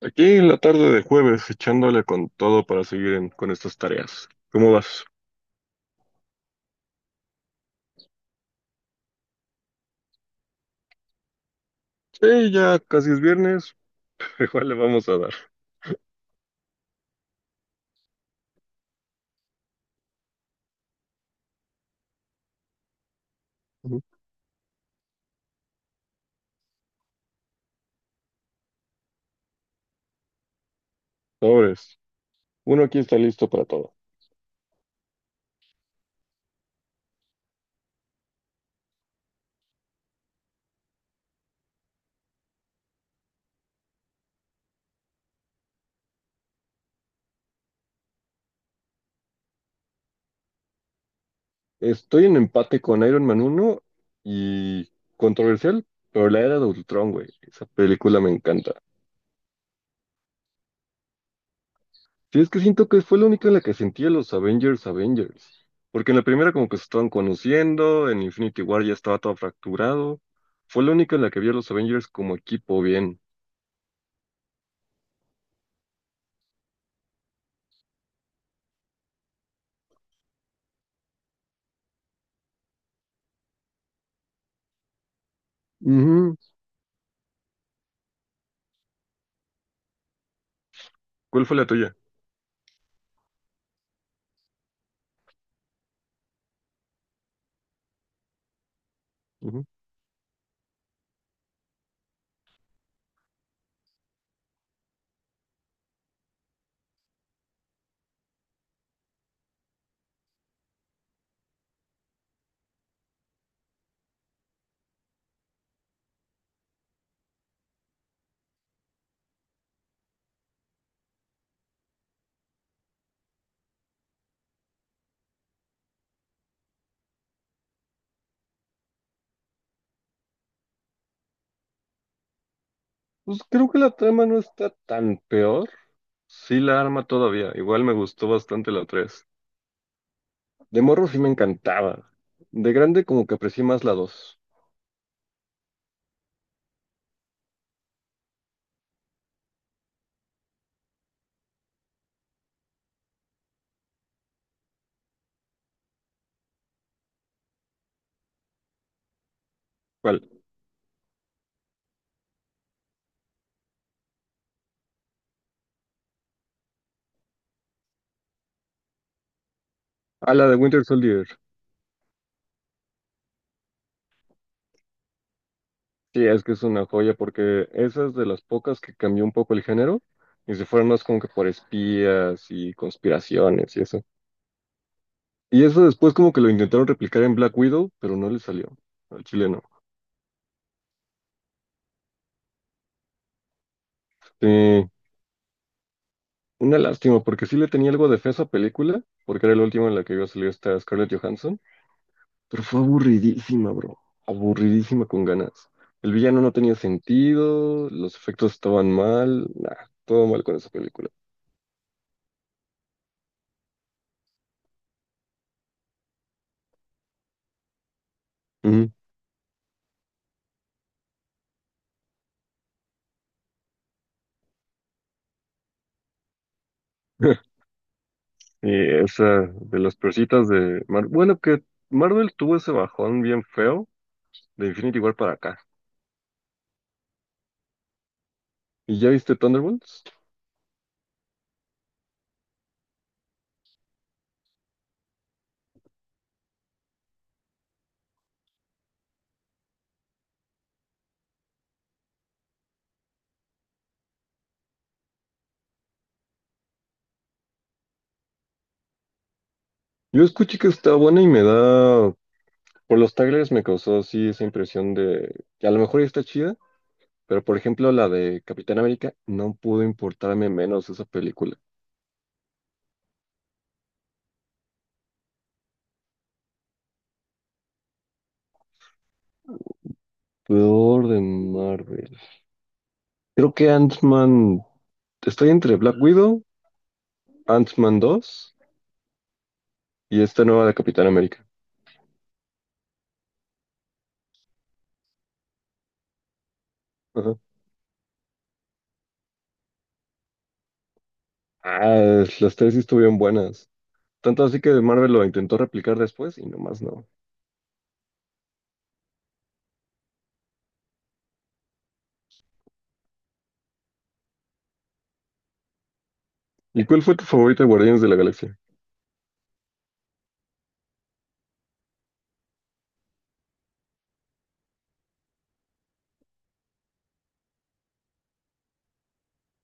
Aquí en la tarde de jueves, echándole con todo para seguir con estas tareas. ¿Cómo vas? Sí, ya casi es viernes, pero igual le vamos a dar. Ujú. Sobres. Uno aquí está listo para todo. Estoy en empate con Iron Man uno y controversial, pero la era de Ultron, güey. Esa película me encanta. Sí, es que siento que fue la única en la que sentí a los Avengers Avengers. Porque en la primera como que se estaban conociendo, en Infinity War ya estaba todo fracturado. Fue la única en la que vi a los Avengers como equipo bien. Ujú. ¿Cuál fue la tuya? Ujú. Pues creo que la trama no está tan peor. Sí la arma todavía. Igual me gustó bastante la 3. De morro sí me encantaba. De grande como que aprecié más la 2. ¿Cuál? Ah, la de Winter Soldier. Sí, es que es una joya porque esa es de las pocas que cambió un poco el género y se fueron más como que por espías y conspiraciones y eso. Y eso después como que lo intentaron replicar en Black Widow, pero no le salió al chileno. Sí. Una lástima, porque sí le tenía algo de fe a esa película, porque era la última en la que iba a salir esta Scarlett Johansson, pero fue aburridísima, bro. Aburridísima con ganas. El villano no tenía sentido, los efectos estaban mal, nah, todo mal con esa película. Ujú. Y esa de las persitas de Marvel. Bueno, que Marvel tuvo ese bajón bien feo de Infinity War para acá. ¿Y ya viste Thunderbolts? Yo escuché que está buena y me da. Por los trailers me causó así esa impresión de que a lo mejor ya está chida. Pero por ejemplo, la de Capitán América no pudo importarme menos esa película. Peor de Marvel. Creo que Ant-Man. Estoy entre Black Widow, Ant-Man 2 y esta nueva de Capitán América. Ajá. Ah, las tres sí estuvieron buenas. Tanto así que Marvel lo intentó replicar después y nomás no. ¿Y cuál fue tu favorita de Guardianes de la Galaxia?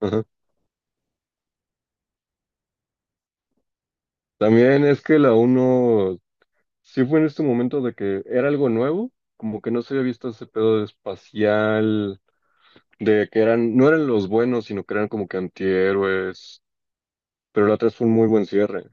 Ajá. También es que la uno sí fue en este momento de que era algo nuevo, como que no se había visto ese pedo espacial de que eran, no eran los buenos, sino que eran como que antihéroes, pero la otra es un muy buen cierre.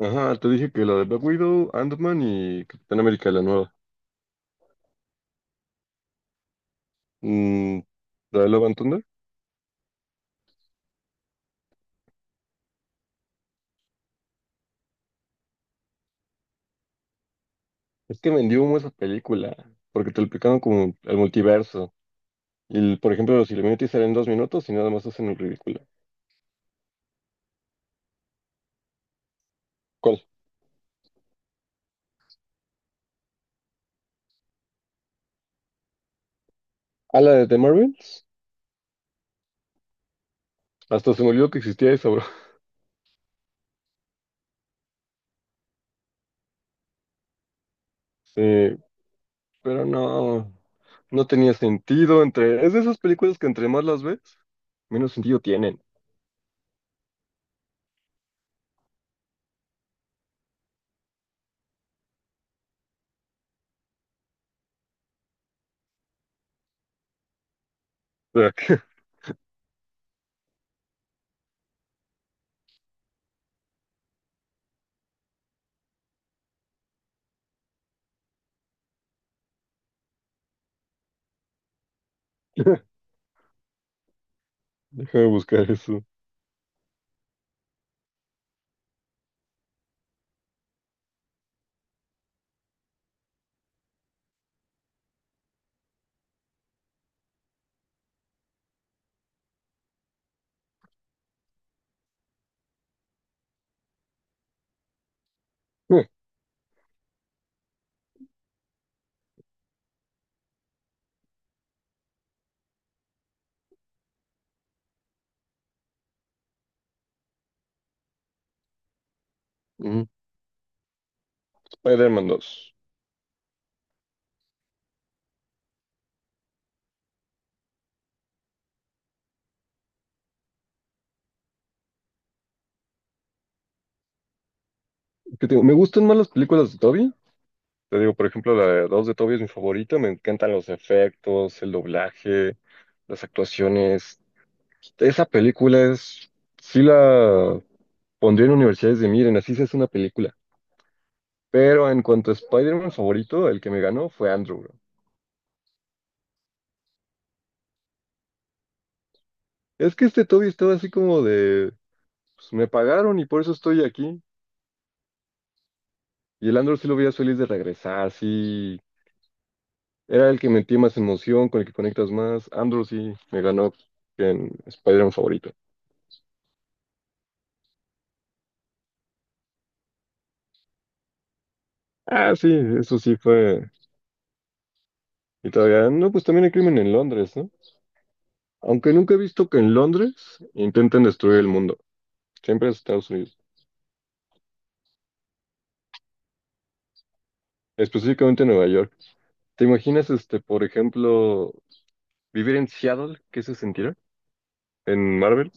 Ajá, te dije que la de Black Widow, Ant-Man y Capitán América la nueva. Mm, la de Love and Thunder. Es que vendió humo esa película, porque te lo explicaban como el multiverso. Y, por ejemplo, los Illuminati salen 2 minutos y nada más hacen el ridículo. ¿Cuál? ¿A la de The Marvels? Hasta se me olvidó que existía eso, bro. Sí, pero no, no tenía sentido entre... Es de esas películas que entre más las ves, menos sentido tienen. Crack. Deja de buscar eso. Eh, Mm, Spider-Man 2. ¿Qué te digo? Me gustan más las películas de Toby. Te digo, por ejemplo, la de 2 de Toby es mi favorita. Me encantan los efectos, el doblaje, las actuaciones. Esa película es. Sí la pondría en universidades de miren, así se hace una película. Pero en cuanto a Spider-Man favorito, el que me ganó fue Andrew, bro. Es que este Toby estaba así como de. Pues me pagaron y por eso estoy aquí. Y el Andrew sí lo veía feliz de regresar, así. Era el que metía más emoción, con el que conectas más. Andrew sí me ganó en Spider-Man favorito. Ah, sí, eso sí fue. Y todavía, no, pues también hay crimen en Londres, ¿no? Aunque nunca he visto que en Londres intenten destruir el mundo. Siempre es Estados Unidos, específicamente en Nueva York. ¿Te imaginas, este, por ejemplo, vivir en Seattle? ¿Qué se sentirá? En Marvel.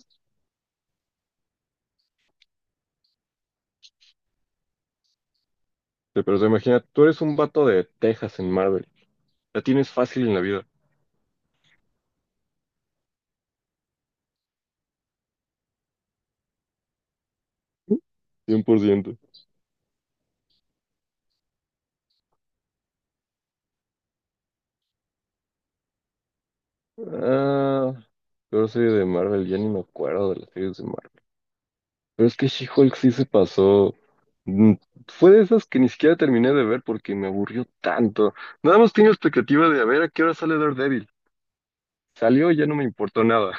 Sí, pero se imagina, tú eres un vato de Texas en Marvel. La tienes fácil en la vida. 100%. Ah, peor serie de Marvel, ya ni me acuerdo de las series de Marvel. Pero es que She-Hulk sí se pasó. Mm, Fue de esas que ni siquiera terminé de ver porque me aburrió tanto. Nada más tenía expectativa de a ver a qué hora sale Daredevil. Salió y ya no me importó nada.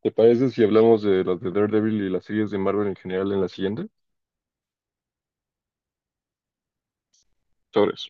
¿Te parece si hablamos de las de Daredevil y las series de Marvel en general en la siguiente? Sobres.